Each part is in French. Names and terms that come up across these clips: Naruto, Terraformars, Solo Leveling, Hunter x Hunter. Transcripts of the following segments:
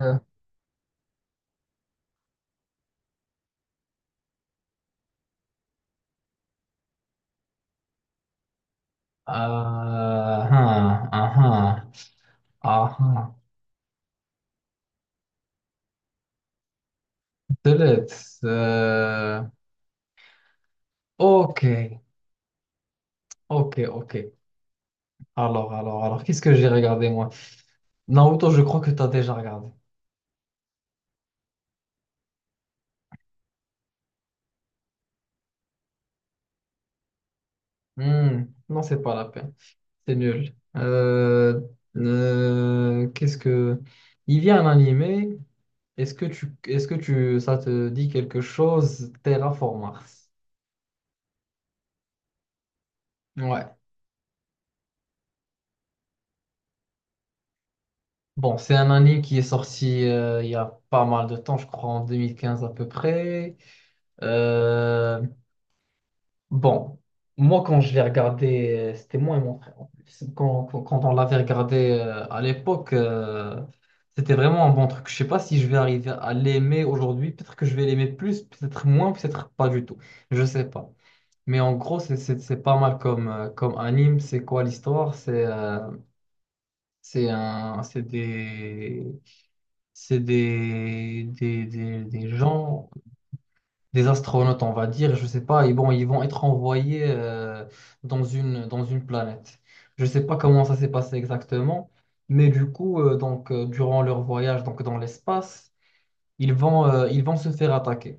Aha, aha, aha. Peut-être. Ok, ok, ok. Alors, qu'est-ce que j'ai regardé moi? Naruto, je crois que t'as déjà regardé. Hmm, non, c'est pas la peine. C'est nul. Qu'est-ce que. Il y a un animé. Ça te dit quelque chose? Terraformars. Ouais. Bon, c'est un anime qui est sorti il y a pas mal de temps, je crois en 2015 à peu près. Euh, bon, moi quand je l'ai regardé, c'était moi et mon frère en plus. Quand on l'avait regardé à l'époque, c'était vraiment un bon truc. Je sais pas si je vais arriver à l'aimer aujourd'hui. Peut-être que je vais l'aimer plus, peut-être moins, peut-être pas du tout. Je sais pas. Mais en gros, c'est pas mal comme, comme anime. C'est quoi l'histoire? C'est un, c'est des gens, des astronautes, on va dire, je sais pas, et bon, ils vont être envoyés dans une planète. Je sais pas comment ça s'est passé exactement, mais du coup, durant leur voyage donc, dans l'espace, ils vont se faire attaquer.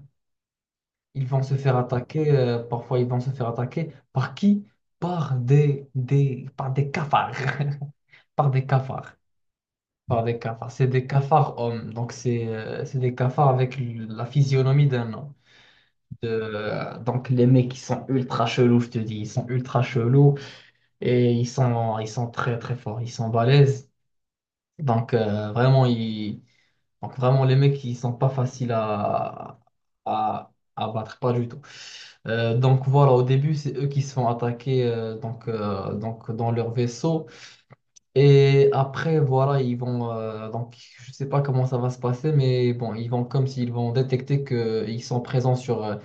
Ils vont se faire attaquer, parfois ils vont se faire attaquer par qui? Par des cafards. Par des cafards. Par des cafards. C'est des cafards hommes. Donc, c'est des cafards avec la physionomie d'un homme. Donc, les mecs, ils sont ultra chelous, je te dis. Ils sont ultra chelous et ils sont très, très forts. Ils sont balèzes. Donc, vraiment, donc, vraiment, les mecs, ils sont pas faciles à, à battre. Pas du tout. Donc, voilà, au début, c'est eux qui se font attaquer donc, dans leur vaisseau. Et après, voilà, ils vont. Donc, je sais pas comment ça va se passer, mais bon, ils vont comme s'ils vont détecter qu'ils sont présents sur, euh,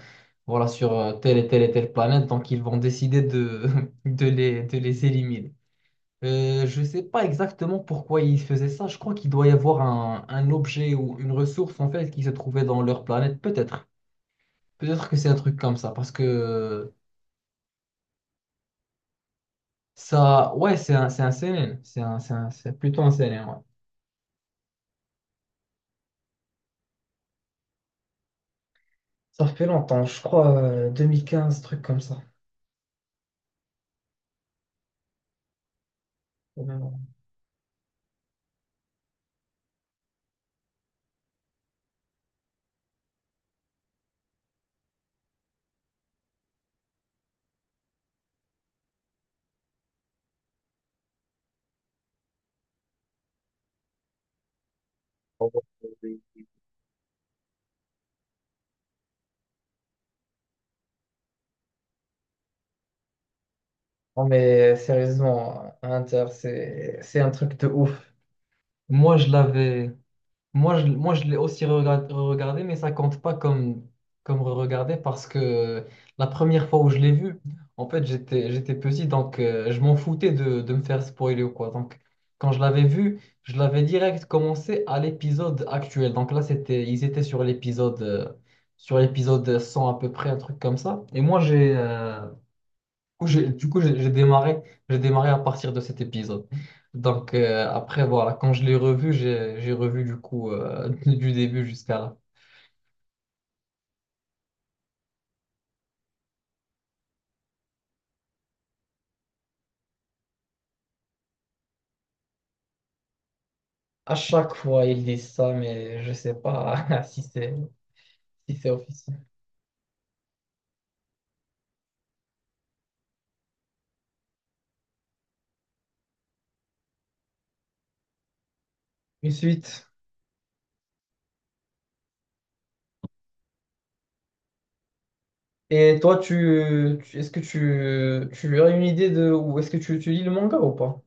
voilà, sur euh, telle et telle et telle planète. Donc, ils vont décider de, de les éliminer. Je sais pas exactement pourquoi ils faisaient ça. Je crois qu'il doit y avoir un objet ou une ressource, en fait, qui se trouvait dans leur planète. Peut-être. Peut-être que c'est un truc comme ça. Parce que ça. Ouais, c'est un CNN. C'est plutôt un CNN, ouais. Ça fait longtemps, je crois, 2015, truc comme ça. Non, mais sérieusement, Inter, c'est un truc de ouf. Moi, je l'avais. Moi, je l'ai aussi re-regardé, mais ça compte pas comme, re-regardé parce que la première fois où je l'ai vu, en fait, j'étais petit, donc je m'en foutais de, me faire spoiler ou quoi. Donc, quand je l'avais vu, je l'avais direct commencé à l'épisode actuel. Donc là, c'était, ils étaient sur l'épisode 100 à peu près, un truc comme ça. Et moi, Du coup, j'ai démarré à partir de cet épisode. Donc après, voilà, quand je l'ai revu, j'ai revu du coup du début jusqu'à là. À chaque fois, ils disent ça, mais je sais pas si c'est officiel. Une suite. Et toi, est-ce que tu as une idée de ou est-ce que tu lis le manga ou pas?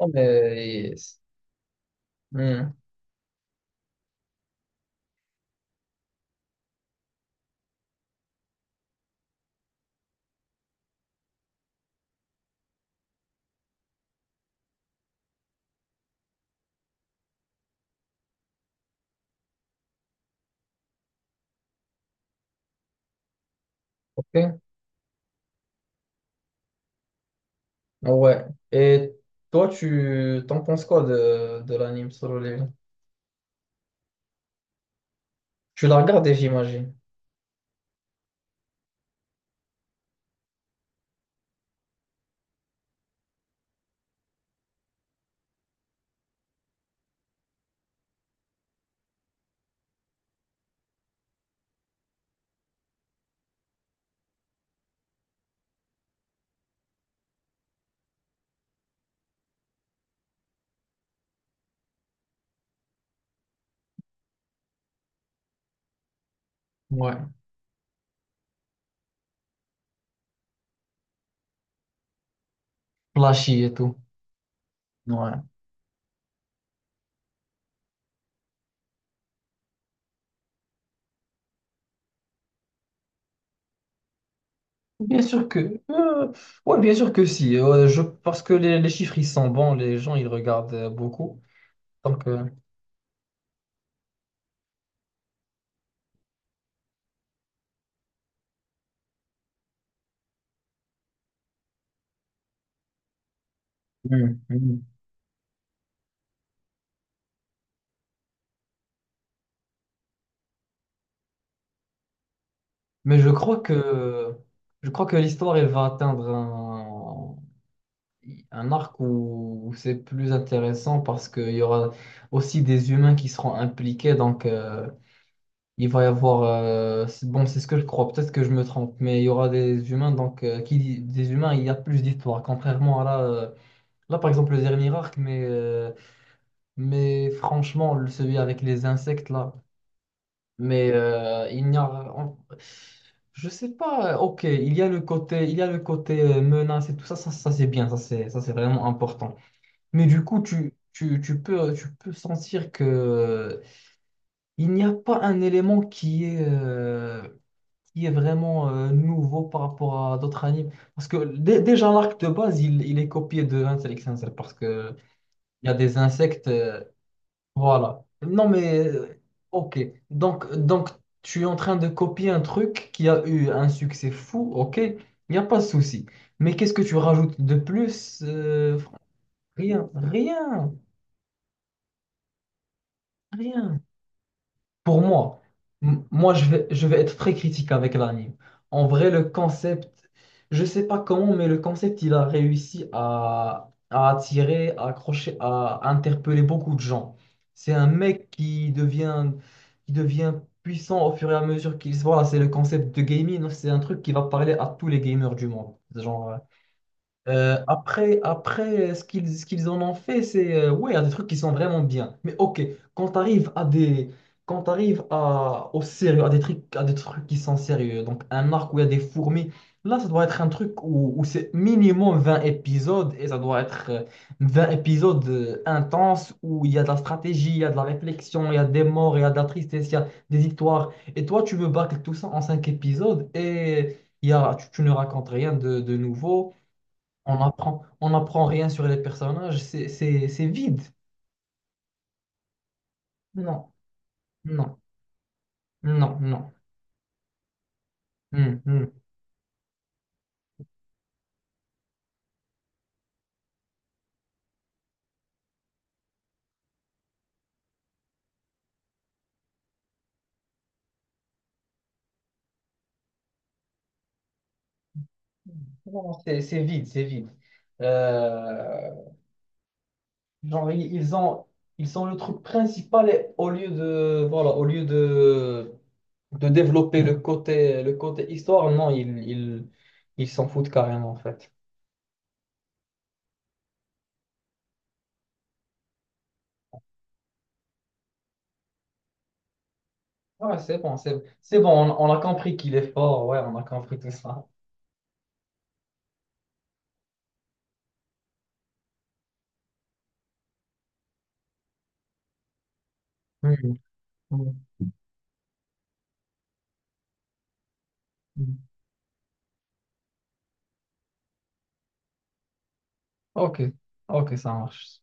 Non, mais hmm, ok, ouais. Et toi, tu t'en penses quoi de l'anime Solo Leveling? Tu l'as regardé, j'imagine. Ouais. Flashy et tout. Ouais. Bien sûr que. Ouais, bien sûr que si. Parce que les chiffres, ils sont bons, les gens, ils regardent beaucoup. Donc, mhm, mhm, mais je crois que l'histoire, elle va atteindre un, arc où c'est plus intéressant parce qu'il y aura aussi des humains qui seront impliqués. Donc, il va y avoir. C'est- bon, c'est ce que je crois. Peut-être que je me trompe, mais il y aura des humains. Donc, qui dit des humains, il y a plus d'histoire. Contrairement à là. Là, par exemple, le dernier arc, mais franchement, celui avec les insectes, là, mais il n'y a. Je sais pas, ok, il y a le côté, il y a le côté menace et tout ça, c'est bien, ça c'est vraiment important. Mais du coup, tu peux sentir que il n'y a pas un élément qui est vraiment nouveau par rapport à d'autres animes. Parce que déjà l'arc de base, il est copié de Hunter x Hunter parce que il y a des insectes. Voilà. Non, mais ok. Donc, tu es en train de copier un truc qui a eu un succès fou, ok. Il n'y a pas de souci. Mais qu'est-ce que tu rajoutes de plus? Rien, rien, rien. Pour moi, moi je vais être très critique avec l'anime. En vrai, le concept, je sais pas comment, mais le concept, il a réussi à, attirer, à accrocher, à interpeller beaucoup de gens. C'est un mec qui devient, qui devient puissant au fur et à mesure qu'il se voit. C'est le concept de gaming, c'est un truc qui va parler à tous les gamers du monde. Genre, après, ce qu'ils en ont fait, c'est ouais, il y a des trucs qui sont vraiment bien. Mais ok, quand tu arrives à des quand t'arrives à au sérieux, à des trucs qui sont sérieux, donc un arc où il y a des fourmis, là ça doit être un truc où c'est minimum 20 épisodes et ça doit être 20 épisodes intenses où il y a de la stratégie, il y a de la réflexion, il y a des morts, il y a de la tristesse, il y a des victoires. Et toi, tu veux bâcler tout ça en 5 épisodes et il y a, tu ne racontes rien de nouveau. On n'apprend rien sur les personnages, c'est vide. Non, non, non, non. Hmm, hmm. Non, c'est vide, c'est vide. Euh, genre, ils ont le truc principal et au lieu de, voilà, au lieu de, développer le côté histoire, non, ils s'en foutent carrément, en fait. Ouais, c'est bon, on a compris qu'il est fort, ouais, on a compris tout ça. Hmm, hmm, hmm. Ok, ok, ça marche.